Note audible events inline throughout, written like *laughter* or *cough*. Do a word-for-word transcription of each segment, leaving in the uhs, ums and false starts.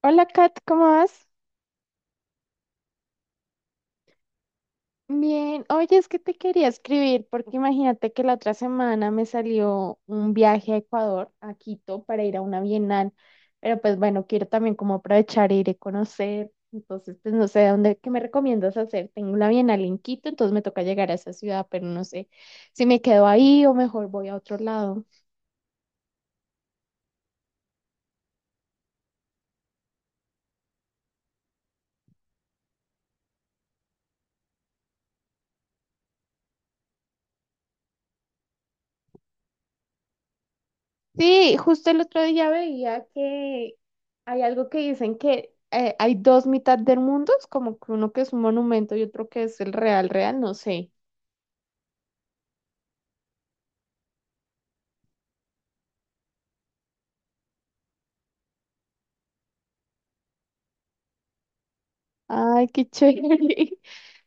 Hola Kat, ¿cómo vas? Bien, oye, es que te quería escribir porque imagínate que la otra semana me salió un viaje a Ecuador, a Quito, para ir a una bienal, pero pues bueno, quiero también como aprovechar e ir a conocer, entonces pues no sé dónde, ¿qué me recomiendas hacer? Tengo una bienal en Quito, entonces me toca llegar a esa ciudad, pero no sé si me quedo ahí o mejor voy a otro lado. Sí, justo el otro día veía que hay algo que dicen que eh, hay dos mitad del mundo, es como que uno que es un monumento y otro que es el real, real, no sé. Ay, qué chévere. *laughs*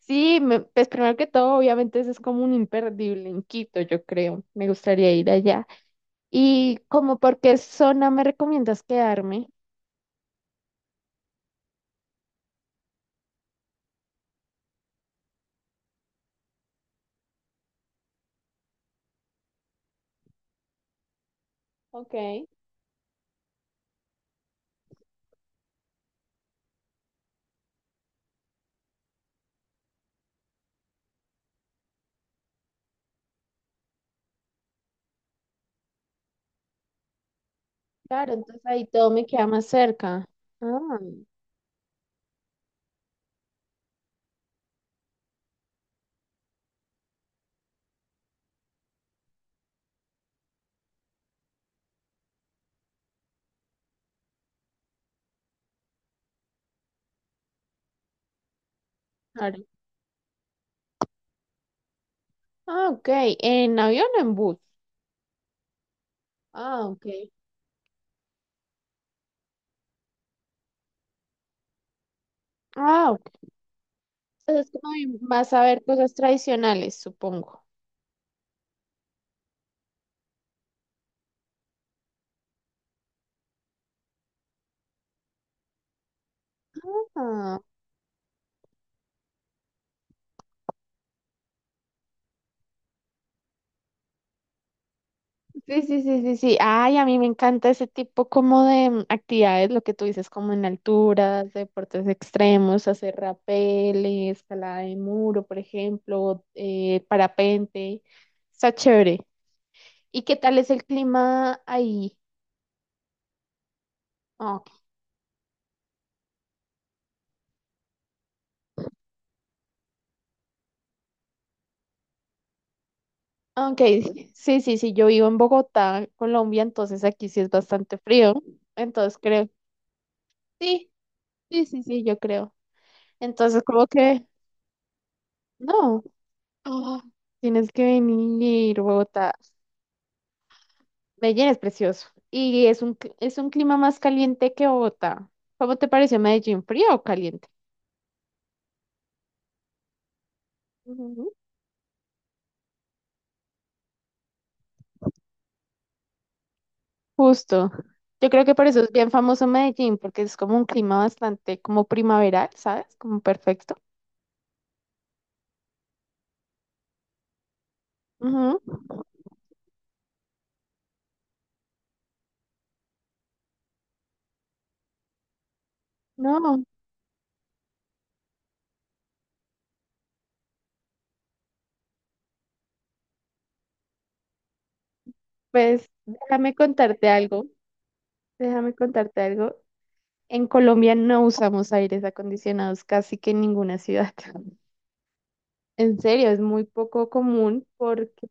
Sí, me- pues primero que todo, obviamente eso es como un imperdible en Quito, yo creo. Me gustaría ir allá. ¿Y como por qué zona me recomiendas quedarme? Ok, claro, entonces ahí todo me queda más cerca. Ah, claro. Ah, ok. ¿En avión o en bus? Ah, ok. Ah, ok. Pues es como de más saber cosas tradicionales, supongo. Ah, sí, sí, sí, sí, sí. Ay, a mí me encanta ese tipo como de mm, actividades, lo que tú dices, como en alturas, deportes extremos, hacer rappel, eh, escalada de muro, por ejemplo, eh, parapente. Está chévere. ¿Y qué tal es el clima ahí? Ah, ok, ok, sí, sí, sí, yo vivo en Bogotá, Colombia, entonces aquí sí es bastante frío. Entonces creo, sí, sí, sí, sí, yo creo. Entonces, como que, no, ah, tienes que venir, Bogotá. Medellín es precioso y es un, cl- es un clima más caliente que Bogotá. ¿Cómo te pareció Medellín? ¿Frío o caliente? Ujú. Justo. Yo creo que por eso es bien famoso Medellín, porque es como un clima bastante como primaveral, ¿sabes? Como perfecto. Ujú. No, pues déjame contarte algo. Déjame contarte algo. En Colombia no usamos aires acondicionados casi que en ninguna ciudad. En serio, es muy poco común porque,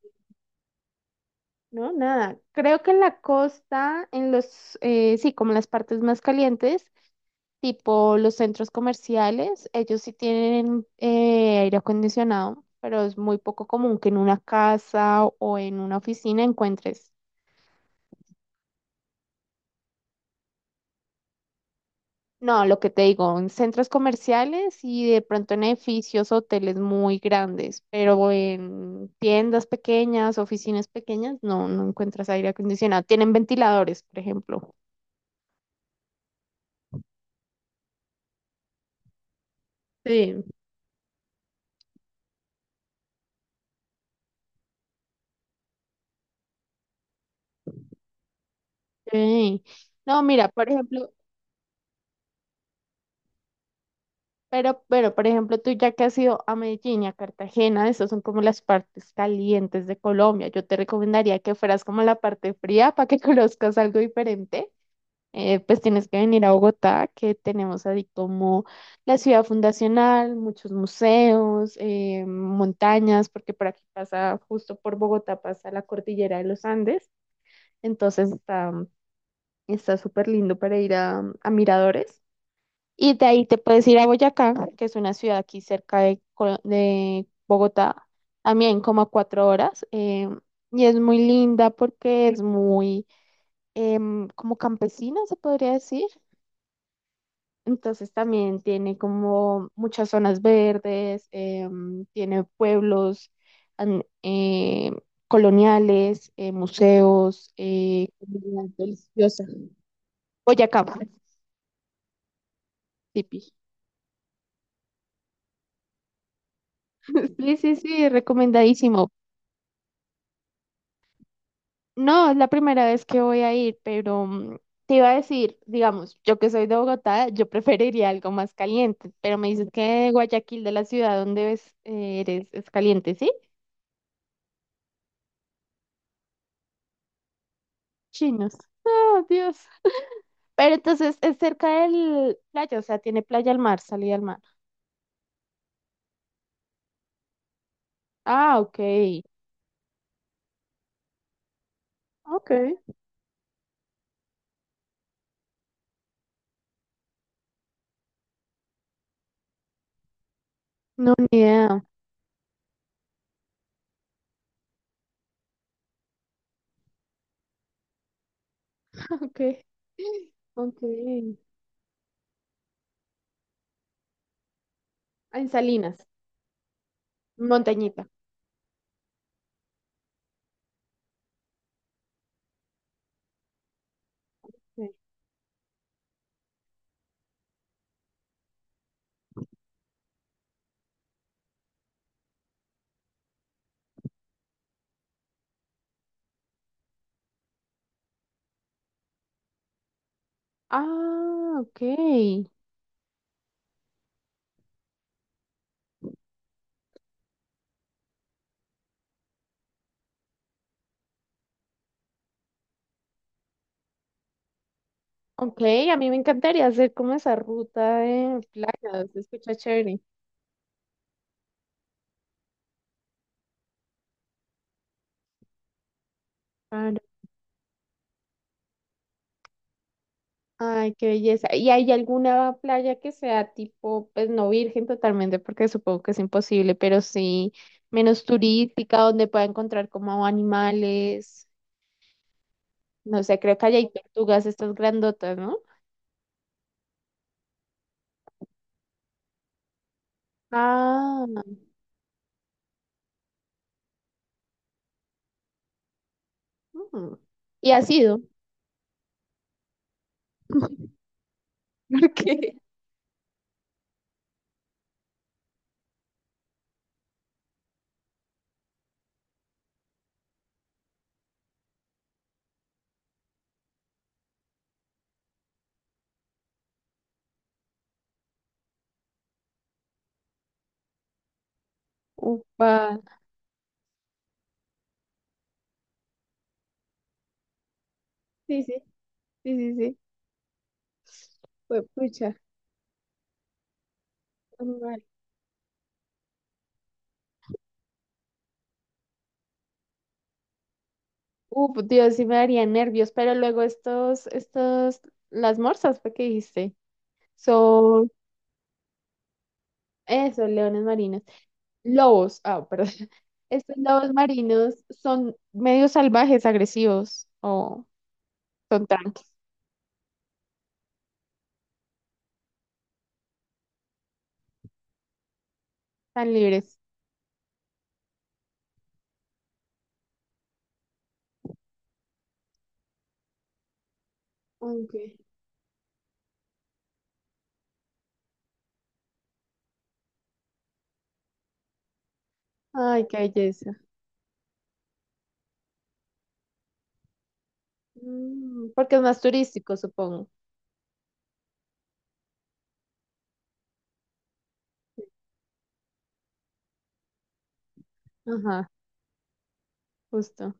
no, nada, creo que en la costa, en los, eh, sí, como en las partes más calientes, tipo los centros comerciales, ellos sí tienen eh, aire acondicionado, pero es muy poco común que en una casa o en una oficina encuentres. No, lo que te digo, en centros comerciales y de pronto en edificios, hoteles muy grandes, pero en tiendas pequeñas, oficinas pequeñas, no, no encuentras aire acondicionado. Tienen ventiladores, por ejemplo. Sí. Sí. No, mira, por ejemplo, pero, pero, por ejemplo, tú ya que has ido a Medellín y a Cartagena, esas son como las partes calientes de Colombia. Yo te recomendaría que fueras como a la parte fría para que *laughs* conozcas algo diferente. eh, pues tienes que venir a Bogotá, que tenemos así como la ciudad fundacional, muchos museos, eh, montañas, porque por aquí pasa, justo por Bogotá pasa la cordillera de los Andes, entonces está está súper lindo para ir a, a miradores. Y de ahí te puedes ir a Boyacá, que es una ciudad aquí cerca de, Co- de Bogotá, también como a cuatro horas, eh, y es muy linda porque es muy... em, como campesina, se podría decir. Entonces también tiene como muchas zonas verdes, em, tiene pueblos an- eh, coloniales, eh, museos, eh, comida deliciosa. Boyacá, tipi. Sí, sí, sí, recomendadísimo. No, es la primera vez que voy a ir, pero mm, te iba a decir, digamos, yo que soy de Bogotá, yo preferiría algo más caliente, pero me dices que Guayaquil, de la ciudad donde ves, eh, eres, es caliente, ¿sí? Chinos. Oh, Dios. Pero entonces es cerca del playa, o sea, tiene playa al mar, salida al mar. Ah, ok. Ok. No, ni idea. *laughs* Ok. Ok. Ah, en Salinas, Montañita. Sí. Ah, ok. Ok, a mí me encantaría hacer como esa ruta de playa, se escucha chévere. Ah, ay, qué belleza. ¿Y hay alguna playa que sea tipo, pues no virgen totalmente, porque supongo que es imposible, pero sí menos turística, donde pueda encontrar como animales? No sé, creo que allá hay tortugas, estas grandotas, ¿no? Ah, mm. ¿Y ha sido? *laughs* Porque, upa, sí, sí, sí, sí, sí. Pues, pucha, animal. Uf, Dios, sí me daría nervios, pero luego estos, estos, las morsas, fue que dijiste, son eso, leones marinos. Lobos, ah, perdón. *laughs* Estos lobos marinos son medio salvajes, agresivos o son tranquilos, tan libres. Okay. Ay, qué belleza. Mm, porque es más turístico, supongo. Ajá, justo.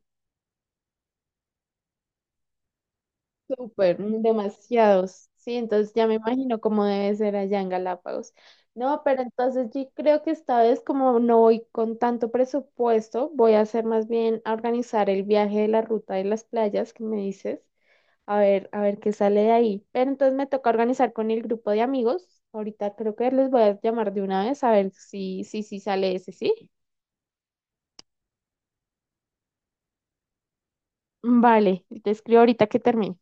Súper, mm, demasiados. Sí, entonces ya me imagino cómo debe ser allá en Galápagos. No, pero entonces yo creo que esta vez como no voy con tanto presupuesto, voy a hacer más bien a organizar el viaje de la ruta de las playas que me dices. A ver, a ver qué sale de ahí. Pero entonces me toca organizar con el grupo de amigos. Ahorita creo que les voy a llamar de una vez a ver si, si, si sale ese, ¿sí? Vale, te escribo ahorita que termine.